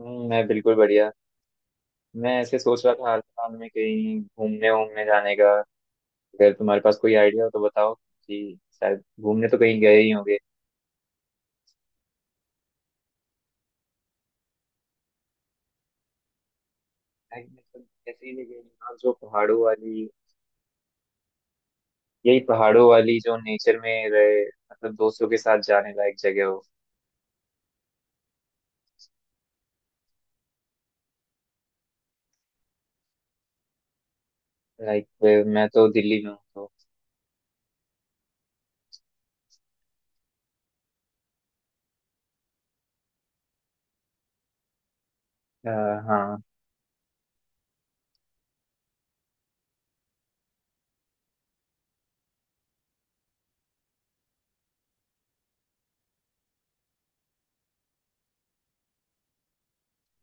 मैं बिल्कुल बढ़िया। मैं ऐसे सोच रहा था हाल फिलहाल में कहीं घूमने वूमने जाने का। अगर तुम्हारे पास कोई आइडिया हो तो बताओ कि शायद घूमने तो कहीं गए ही होंगे। नहीं, मैं तो ऐसे ही नहीं गए। हाँ, जो पहाड़ों वाली। यही पहाड़ों वाली जो नेचर में रहे मतलब दोस्तों के साथ जाने लायक जगह हो। लाइक मैं तो दिल्ली में हूँ तो। अ, हाँ।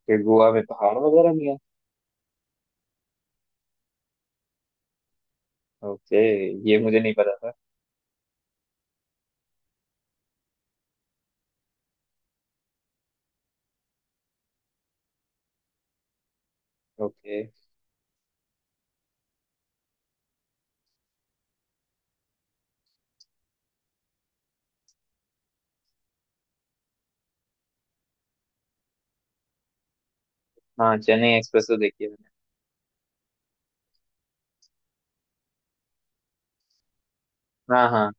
फिर गोवा में पहाड़ वगैरह भी है? ओके। ये मुझे नहीं पता था। ओके। हाँ चेन्नई एक्सप्रेस तो देखी है मैंने। हाँ हाँ।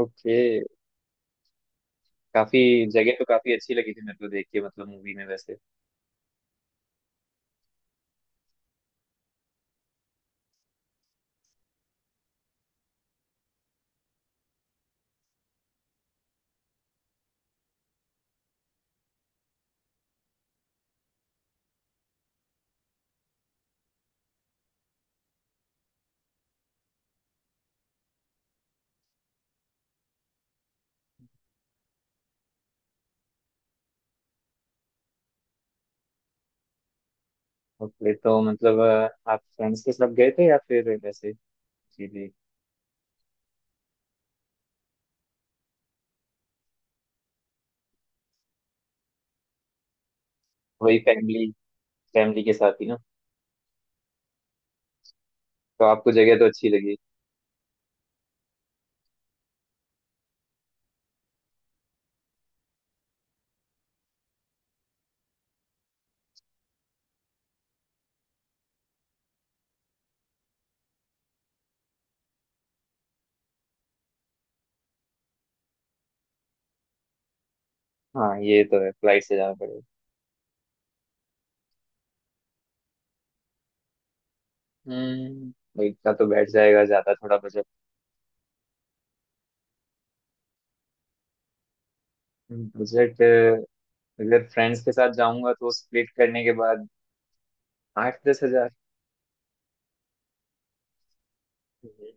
ओके। काफी जगह तो काफी अच्छी लगी थी मेरे को देख के, मतलब मूवी में वैसे। ओके तो मतलब आप फ्रेंड्स के साथ गए थे या फिर वैसे सीधे। वही फैमिली फैमिली के साथ ही ना। तो आपको जगह तो अच्छी लगी। हाँ ये तो है, फ्लाइट से जाना पड़ेगा। हम्म। तो इतना तो बैठ जाएगा, ज्यादा थोड़ा बजट। बजट अगर फ्रेंड्स के साथ जाऊंगा तो स्प्लिट करने के बाद 8-10 हजार। हम्म।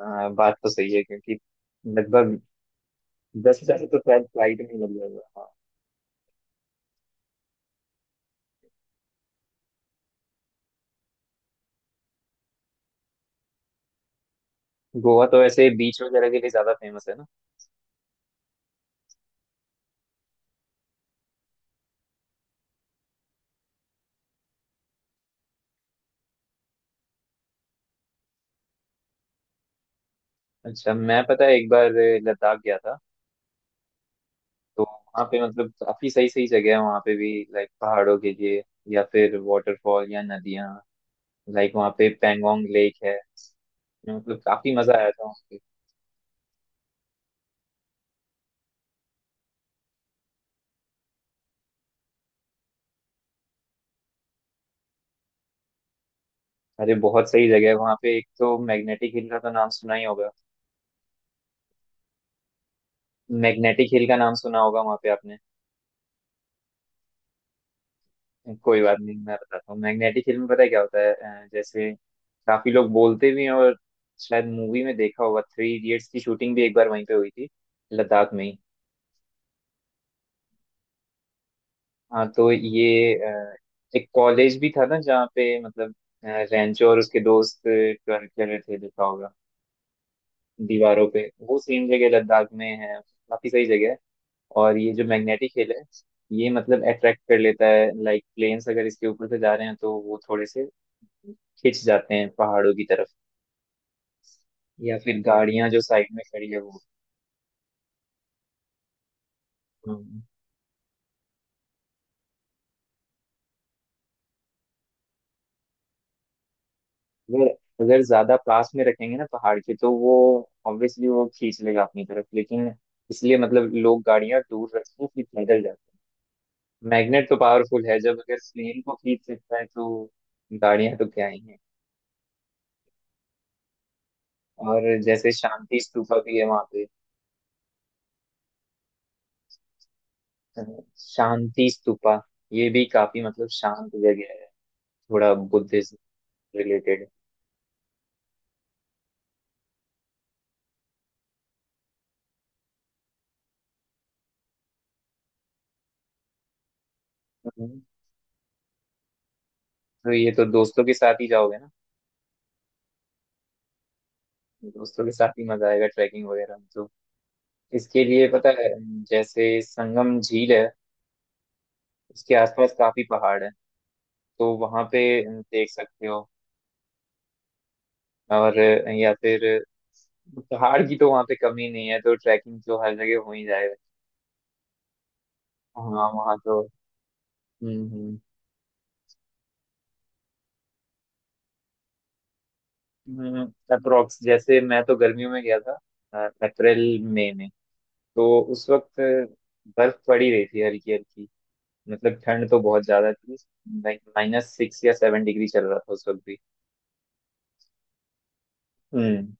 हाँ बात तो सही है, क्योंकि लगभग 10 हजार तो शायद फ्लाइट में ही लग जाएगा हाँ। गोवा तो वैसे बीच वगैरह के लिए ज्यादा फेमस है ना? अच्छा, मैं पता है एक बार लद्दाख गया था। तो वहाँ पे मतलब काफी सही सही जगह है, वहाँ पे भी लाइक पहाड़ों के लिए या फिर वाटरफॉल या नदियाँ। लाइक वहाँ पे पैंगोंग लेक है। मतलब काफी मजा आया था वहाँ पे। अरे बहुत सही जगह है वहाँ पे। एक तो मैग्नेटिक हिल का तो नाम सुना ही होगा। मैग्नेटिक हिल का नाम सुना होगा वहाँ पे आपने? कोई बात नहीं, मैं बताता हूँ। मैग्नेटिक हिल में पता है क्या होता है। जैसे काफी लोग बोलते भी हैं और शायद मूवी में देखा होगा थ्री इडियट्स की शूटिंग भी एक बार वहीं पे हुई थी, लद्दाख में ही। हाँ तो ये एक कॉलेज भी था ना जहाँ पे मतलब अ, रेंचो और उसके दोस्त कर कर रहे थे, देखा होगा दीवारों पे। वो सेम जगह लद्दाख में है। काफी सही जगह है। और ये जो मैग्नेटिक हिल है, ये मतलब अट्रैक्ट कर लेता है। लाइक प्लेन्स अगर इसके ऊपर से जा रहे हैं तो वो थोड़े से खिंच जाते हैं पहाड़ों की तरफ। या फिर गाड़ियां जो साइड में खड़ी है वो। हम्म। अगर अगर ज्यादा पास में रखेंगे ना पहाड़ के तो वो ऑब्वियसली वो खींच लेगा अपनी तरफ, लेकिन इसलिए मतलब लोग गाड़ियां दूर रखते हैं, फिर पैदल जाते हैं। मैग्नेट तो पावरफुल है, जब अगर प्लेन को खींच सकता है तो गाड़ियां तो क्या ही है। और जैसे शांति स्तूपा भी है वहां पे। तो शांति स्तूपा, ये भी काफी मतलब शांत जगह है। थोड़ा बुद्धिज्म रिलेटेड। तो ये तो दोस्तों के साथ ही जाओगे ना। दोस्तों के साथ ही मजा आएगा ट्रैकिंग वगैरह में तो। इसके लिए पता है, जैसे संगम झील है, उसके आसपास काफी पहाड़ है, तो वहां पे देख सकते हो। और या फिर पहाड़ की तो वहां पे कमी नहीं है, तो ट्रैकिंग तो हर जगह हो ही जाएगा। हाँ वहाँ तो। हम्म। हम्म, अप्रोक्स जैसे मैं तो गर्मियों में गया था, अप्रैल मई में। तो उस वक्त बर्फ पड़ी रही थी हल्की हल्की, मतलब ठंड तो बहुत ज्यादा थी। लाइक -6 या 7 डिग्री चल रहा था उस वक्त भी। हम्म।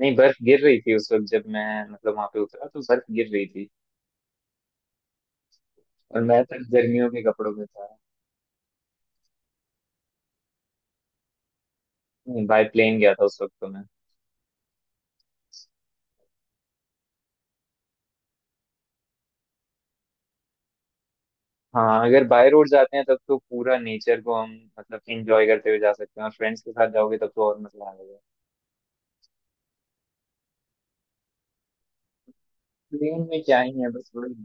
नहीं बर्फ गिर रही थी उस वक्त। जब मैं मतलब वहां पे उतरा तो बर्फ गिर रही थी। और मैं तक गर्मियों के कपड़ों में था। नहीं, बाय प्लेन गया था उस वक्त तो मैं। हाँ अगर बाय रोड जाते हैं तब तो पूरा नेचर को हम मतलब एंजॉय करते हुए जा सकते हैं, और फ्रेंड्स के साथ जाओगे तब तो और मजा आ जाएगा। प्लेन में क्या ही है, बस वही।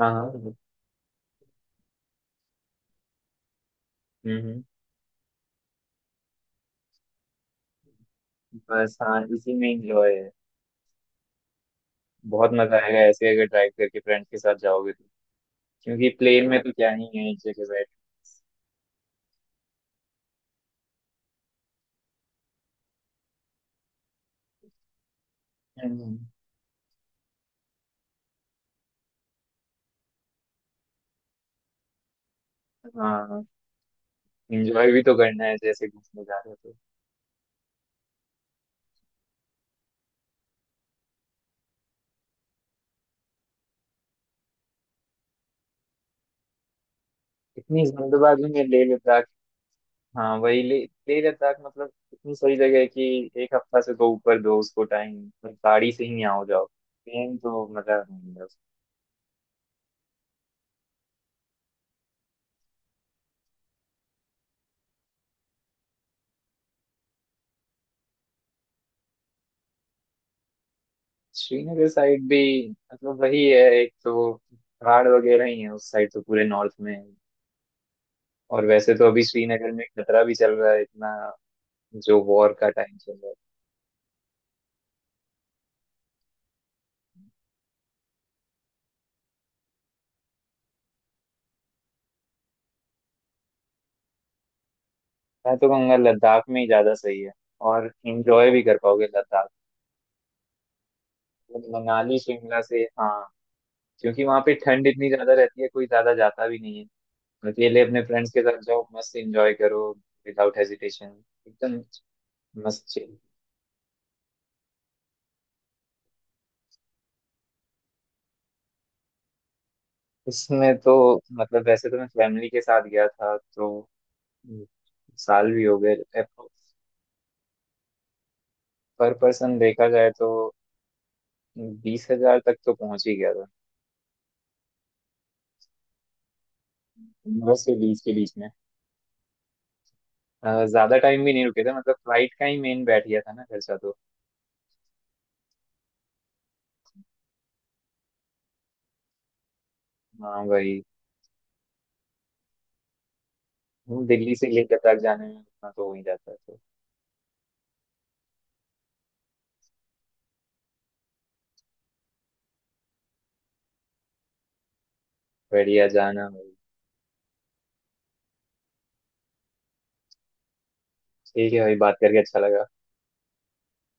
हाँ हाँ हाँ। हम्म हम्म। बस हाँ, इसी में एंजॉय है। बहुत मजा आएगा ऐसे अगर ड्राइव करके फ्रेंड्स के साथ जाओगे तो, क्योंकि प्लेन में तो क्या ही है, एक जगह बैठ। हम्म, हाँ हाँ। एंजॉय भी तो करना है जैसे घूमने जा रहे हो तो। इतनी जल्दबाजी में लेह लद्दाख। हाँ वही। ले लेह लद्दाख मतलब इतनी सही जगह है कि एक हफ्ता से तो ऊपर दो उसको टाइम। मतलब गाड़ी से ही यहाँ हो जाओ, ट्रेन तो मजा नहीं है उसका। श्रीनगर साइड भी मतलब वही है। एक तो पहाड़ वगैरह ही है उस साइड तो, पूरे नॉर्थ में। और वैसे तो अभी श्रीनगर में खतरा भी चल रहा है इतना, जो वॉर का टाइम चल रहा है। मैं तो कहूँगा लद्दाख में ही ज्यादा सही है, और इंजॉय भी कर पाओगे लद्दाख। मनाली शिमला से, हाँ, क्योंकि वहां पे ठंड इतनी ज्यादा रहती है कोई ज्यादा जाता भी नहीं है। अकेले अपने फ्रेंड्स के साथ जाओ, मस्त एंजॉय करो। Without hesitation. एकदम मस्त chill। इसमें तो मतलब, वैसे तो मैं फैमिली के साथ गया था तो, साल भी हो गए। पर पर्सन देखा जाए तो 20 हजार तक तो पहुंच ही गया था। बस के बीच में ज्यादा टाइम भी नहीं रुके थे, मतलब फ्लाइट का ही मेन बैठ गया था ना खर्चा तो। हाँ वही। दिल्ली से लेकर तक जाने में उतना तो हो ही जाता है तो। बढ़िया, जाना भाई। ठीक है भाई, बात करके अच्छा लगा।